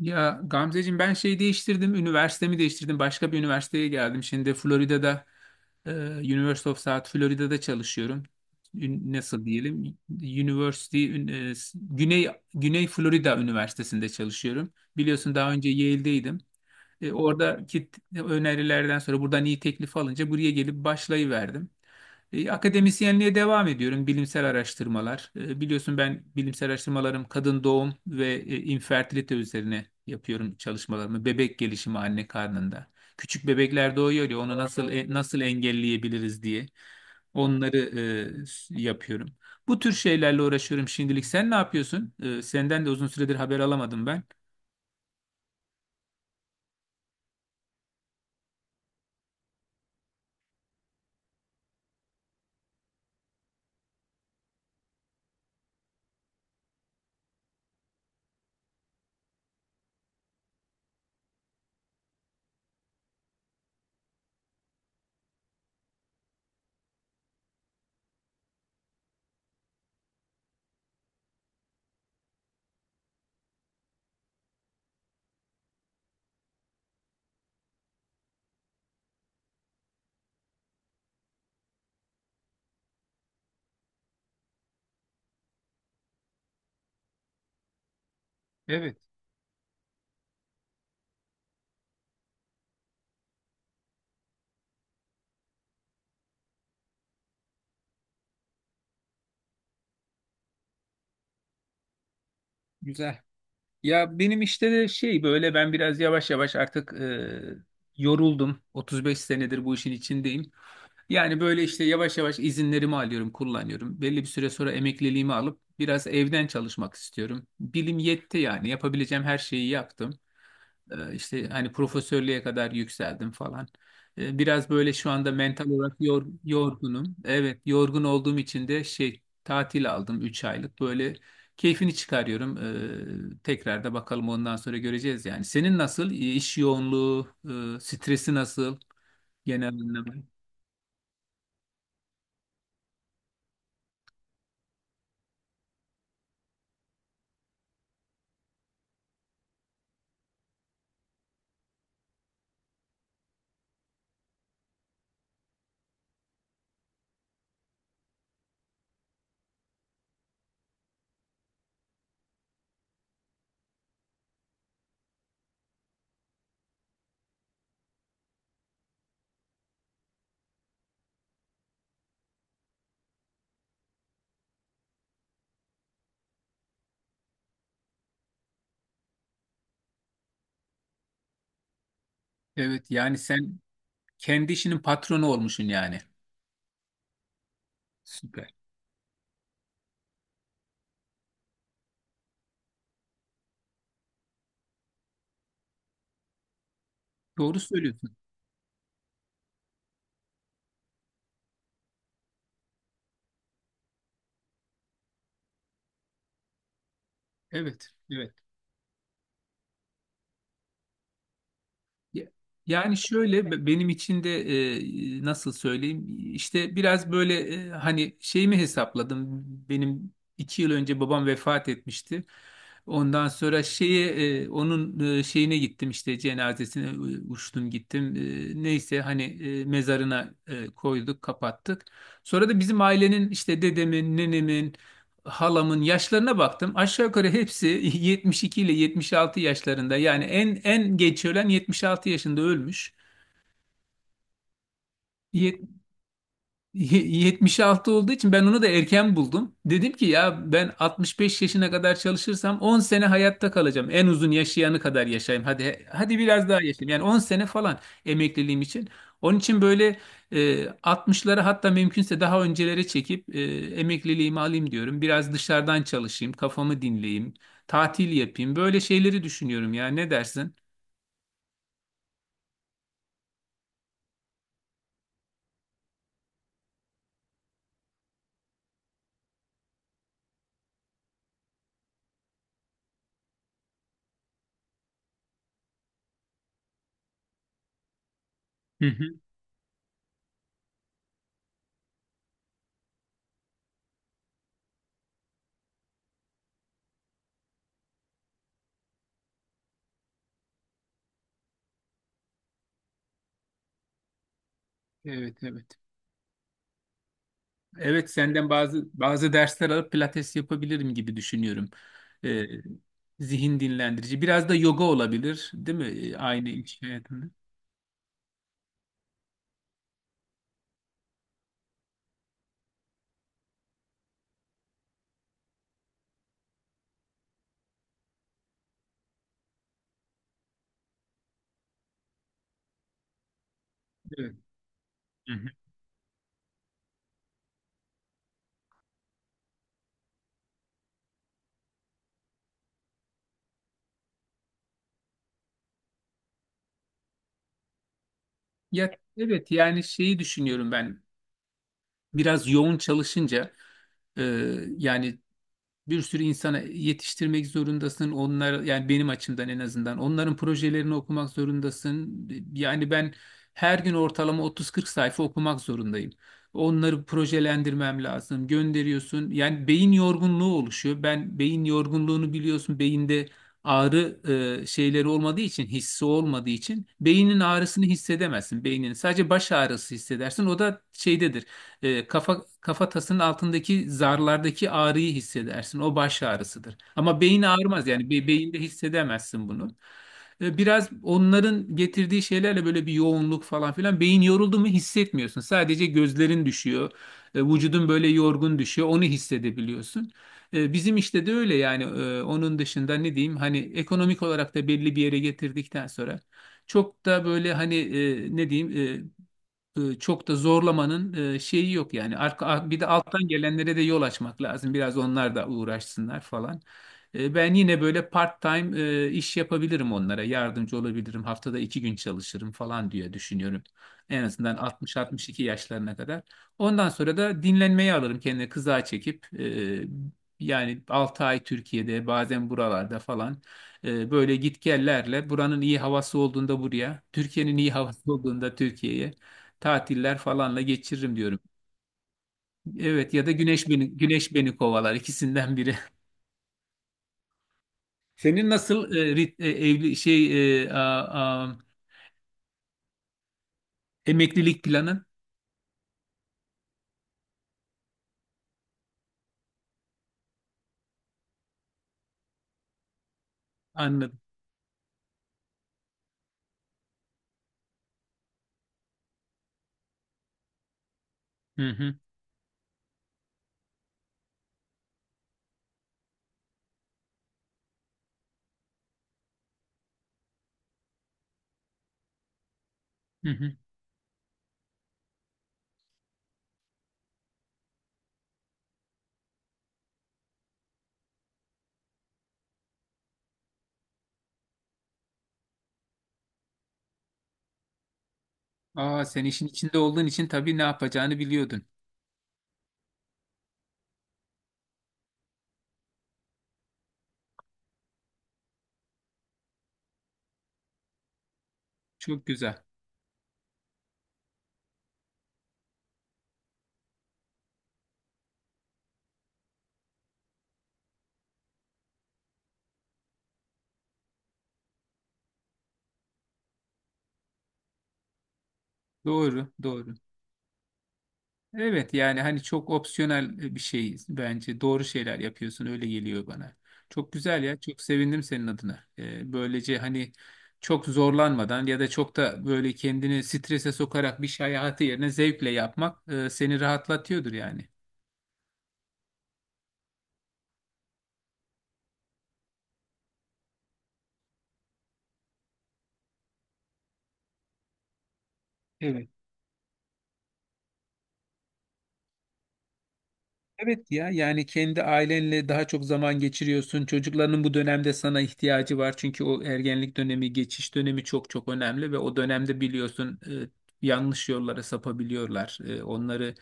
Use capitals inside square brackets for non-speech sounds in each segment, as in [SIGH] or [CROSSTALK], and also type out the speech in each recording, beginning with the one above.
Ya Gamzeciğim ben şey değiştirdim, üniversitemi değiştirdim. Başka bir üniversiteye geldim. Şimdi Florida'da, e, University of South Florida'da çalışıyorum. Nasıl diyelim? University ün- e, s- Güney Güney Florida Üniversitesi'nde çalışıyorum. Biliyorsun daha önce Yale'deydim. Oradaki önerilerden sonra buradan iyi teklif alınca buraya gelip başlayıverdim. Akademisyenliğe devam ediyorum. Bilimsel araştırmalar. Biliyorsun ben bilimsel araştırmalarım kadın doğum ve infertilite üzerine yapıyorum çalışmalarımı. Bebek gelişimi anne karnında. Küçük bebekler doğuyor ya, onu nasıl, nasıl engelleyebiliriz diye onları yapıyorum. Bu tür şeylerle uğraşıyorum şimdilik. Sen ne yapıyorsun? Senden de uzun süredir haber alamadım ben. Evet, güzel. Ya benim işte de şey böyle ben biraz yavaş yavaş artık, yoruldum. 35 senedir bu işin içindeyim. Yani böyle işte yavaş yavaş izinlerimi alıyorum, kullanıyorum. Belli bir süre sonra emekliliğimi alıp biraz evden çalışmak istiyorum. Bilim yetti yani, yapabileceğim her şeyi yaptım. İşte hani profesörlüğe kadar yükseldim falan. Biraz böyle şu anda mental olarak yorgunum. Evet, yorgun olduğum için de şey tatil aldım 3 aylık. Böyle keyfini çıkarıyorum. Tekrar da bakalım, ondan sonra göreceğiz yani. Senin nasıl? İş yoğunluğu, stresi nasıl genel anlamda? Evet, yani sen kendi işinin patronu olmuşsun yani. Süper. Doğru söylüyorsun. Evet, evet. Ya- Yani şöyle, benim için de nasıl söyleyeyim, işte biraz böyle hani şeyimi hesapladım. Benim 2 yıl önce babam vefat etmişti, ondan sonra şeye, onun şeyine gittim, işte cenazesine, uçtum gittim. Neyse hani, mezarına koyduk, kapattık. Sonra da bizim ailenin, işte dedemin, nenemin, halamın yaşlarına baktım. Aşağı yukarı hepsi [LAUGHS] 72 ile 76 yaşlarında. Yani en geç ölen 76 yaşında ölmüş. 76 olduğu için ben onu da erken buldum. Dedim ki ya, ben 65 yaşına kadar çalışırsam 10 sene hayatta kalacağım. En uzun yaşayanı kadar yaşayayım. Hadi hadi biraz daha yaşayayım. Yani 10 sene falan emekliliğim için. Onun için böyle, 60'ları, hatta mümkünse daha öncelere çekip, emekliliğimi alayım diyorum. Biraz dışarıdan çalışayım, kafamı dinleyeyim, tatil yapayım. Böyle şeyleri düşünüyorum ya. Ne dersin? Hı hı. Evet, evet. Evet, senden bazı bazı dersler alıp pilates yapabilirim gibi düşünüyorum. Ee, zihin dinlendirici. Biraz da yoga olabilir, değil mi? Aynı iş hayatında. Evet. Hı hı. Ya, evet, yani şeyi düşünüyorum ben. Biraz yoğun çalışınca e, yani bir sürü insana yetiştirmek zorundasın. Onlar, yani benim açımdan, en azından onların projelerini okumak zorundasın. Yani ben her gün ortalama 30-40 sayfa okumak zorundayım. Onları projelendirmem lazım. Gönderiyorsun. Yani beyin yorgunluğu oluşuyor. Ben beyin yorgunluğunu biliyorsun. Beyinde ağrı şeyleri olmadığı için, hissi olmadığı için beynin ağrısını hissedemezsin. Beynin sadece baş ağrısı hissedersin. O da şeydedir. Kafatasının altındaki zarlardaki ağrıyı hissedersin. O baş ağrısıdır. Ama beyin ağrımaz yani, beyinde hissedemezsin bunu. Biraz onların getirdiği şeylerle böyle bir yoğunluk falan filan, beyin yoruldu mu hissetmiyorsun. Sadece gözlerin düşüyor. Vücudun böyle yorgun düşüyor. Onu hissedebiliyorsun. Bizim işte de öyle yani. Onun dışında ne diyeyim, hani ekonomik olarak da belli bir yere getirdikten sonra çok da böyle hani, ne diyeyim, çok da zorlamanın şeyi yok yani. Bir de alttan gelenlere de yol açmak lazım. Biraz onlar da uğraşsınlar falan. Ben yine böyle part-time, iş yapabilirim onlara. Yardımcı olabilirim. Haftada 2 gün çalışırım falan diye düşünüyorum. En azından 60-62 yaşlarına kadar. Ondan sonra da dinlenmeyi alırım kendine kıza çekip. Yani 6 ay Türkiye'de, bazen buralarda falan, böyle gitgellerle, buranın iyi havası olduğunda buraya, Türkiye'nin iyi havası olduğunda Türkiye'ye tatiller falanla geçiririm diyorum. Evet, ya da güneş beni, güneş beni kovalar, ikisinden biri. [LAUGHS] Senin nasıl e, rit- e, evli şey e, a- a- emeklilik planın? Anladım. Hı hı. Hı hı. Aa, sen işin içinde olduğun için tabii ne yapacağını biliyordun. Çok güzel. Doğru, doğru. Evet, yani hani çok opsiyonel bir şey, bence doğru şeyler yapıyorsun, öyle geliyor bana. Çok güzel ya, çok sevindim senin adına. Böylece hani çok zorlanmadan ya da çok da böyle kendini strese sokarak bir şey hayatı yerine zevkle yapmak seni rahatlatıyordur yani. Evet. Evet ya, yani kendi ailenle daha çok zaman geçiriyorsun. Çocukların bu dönemde sana ihtiyacı var. Çünkü o ergenlik dönemi, geçiş dönemi çok çok önemli ve o dönemde biliyorsun, yanlış yollara sapabiliyorlar. Onları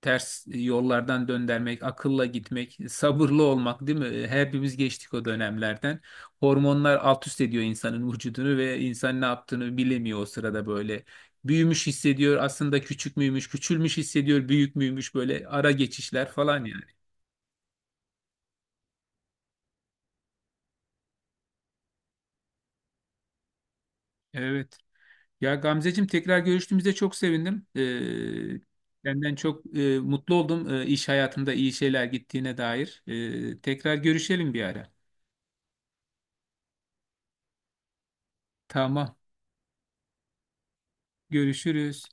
ters yollardan döndürmek, akılla gitmek, sabırlı olmak, değil mi? Hepimiz geçtik o dönemlerden. Hormonlar alt üst ediyor insanın vücudunu ve insan ne yaptığını bilemiyor o sırada böyle. Büyümüş hissediyor, aslında küçük müymüş, küçülmüş hissediyor, büyük müymüş, böyle ara geçişler falan yani. Evet. Ya Gamzeciğim, tekrar görüştüğümüzde çok sevindim. Senden çok mutlu oldum, iş hayatımda iyi şeyler gittiğine dair. Tekrar görüşelim bir ara. Tamam. Görüşürüz.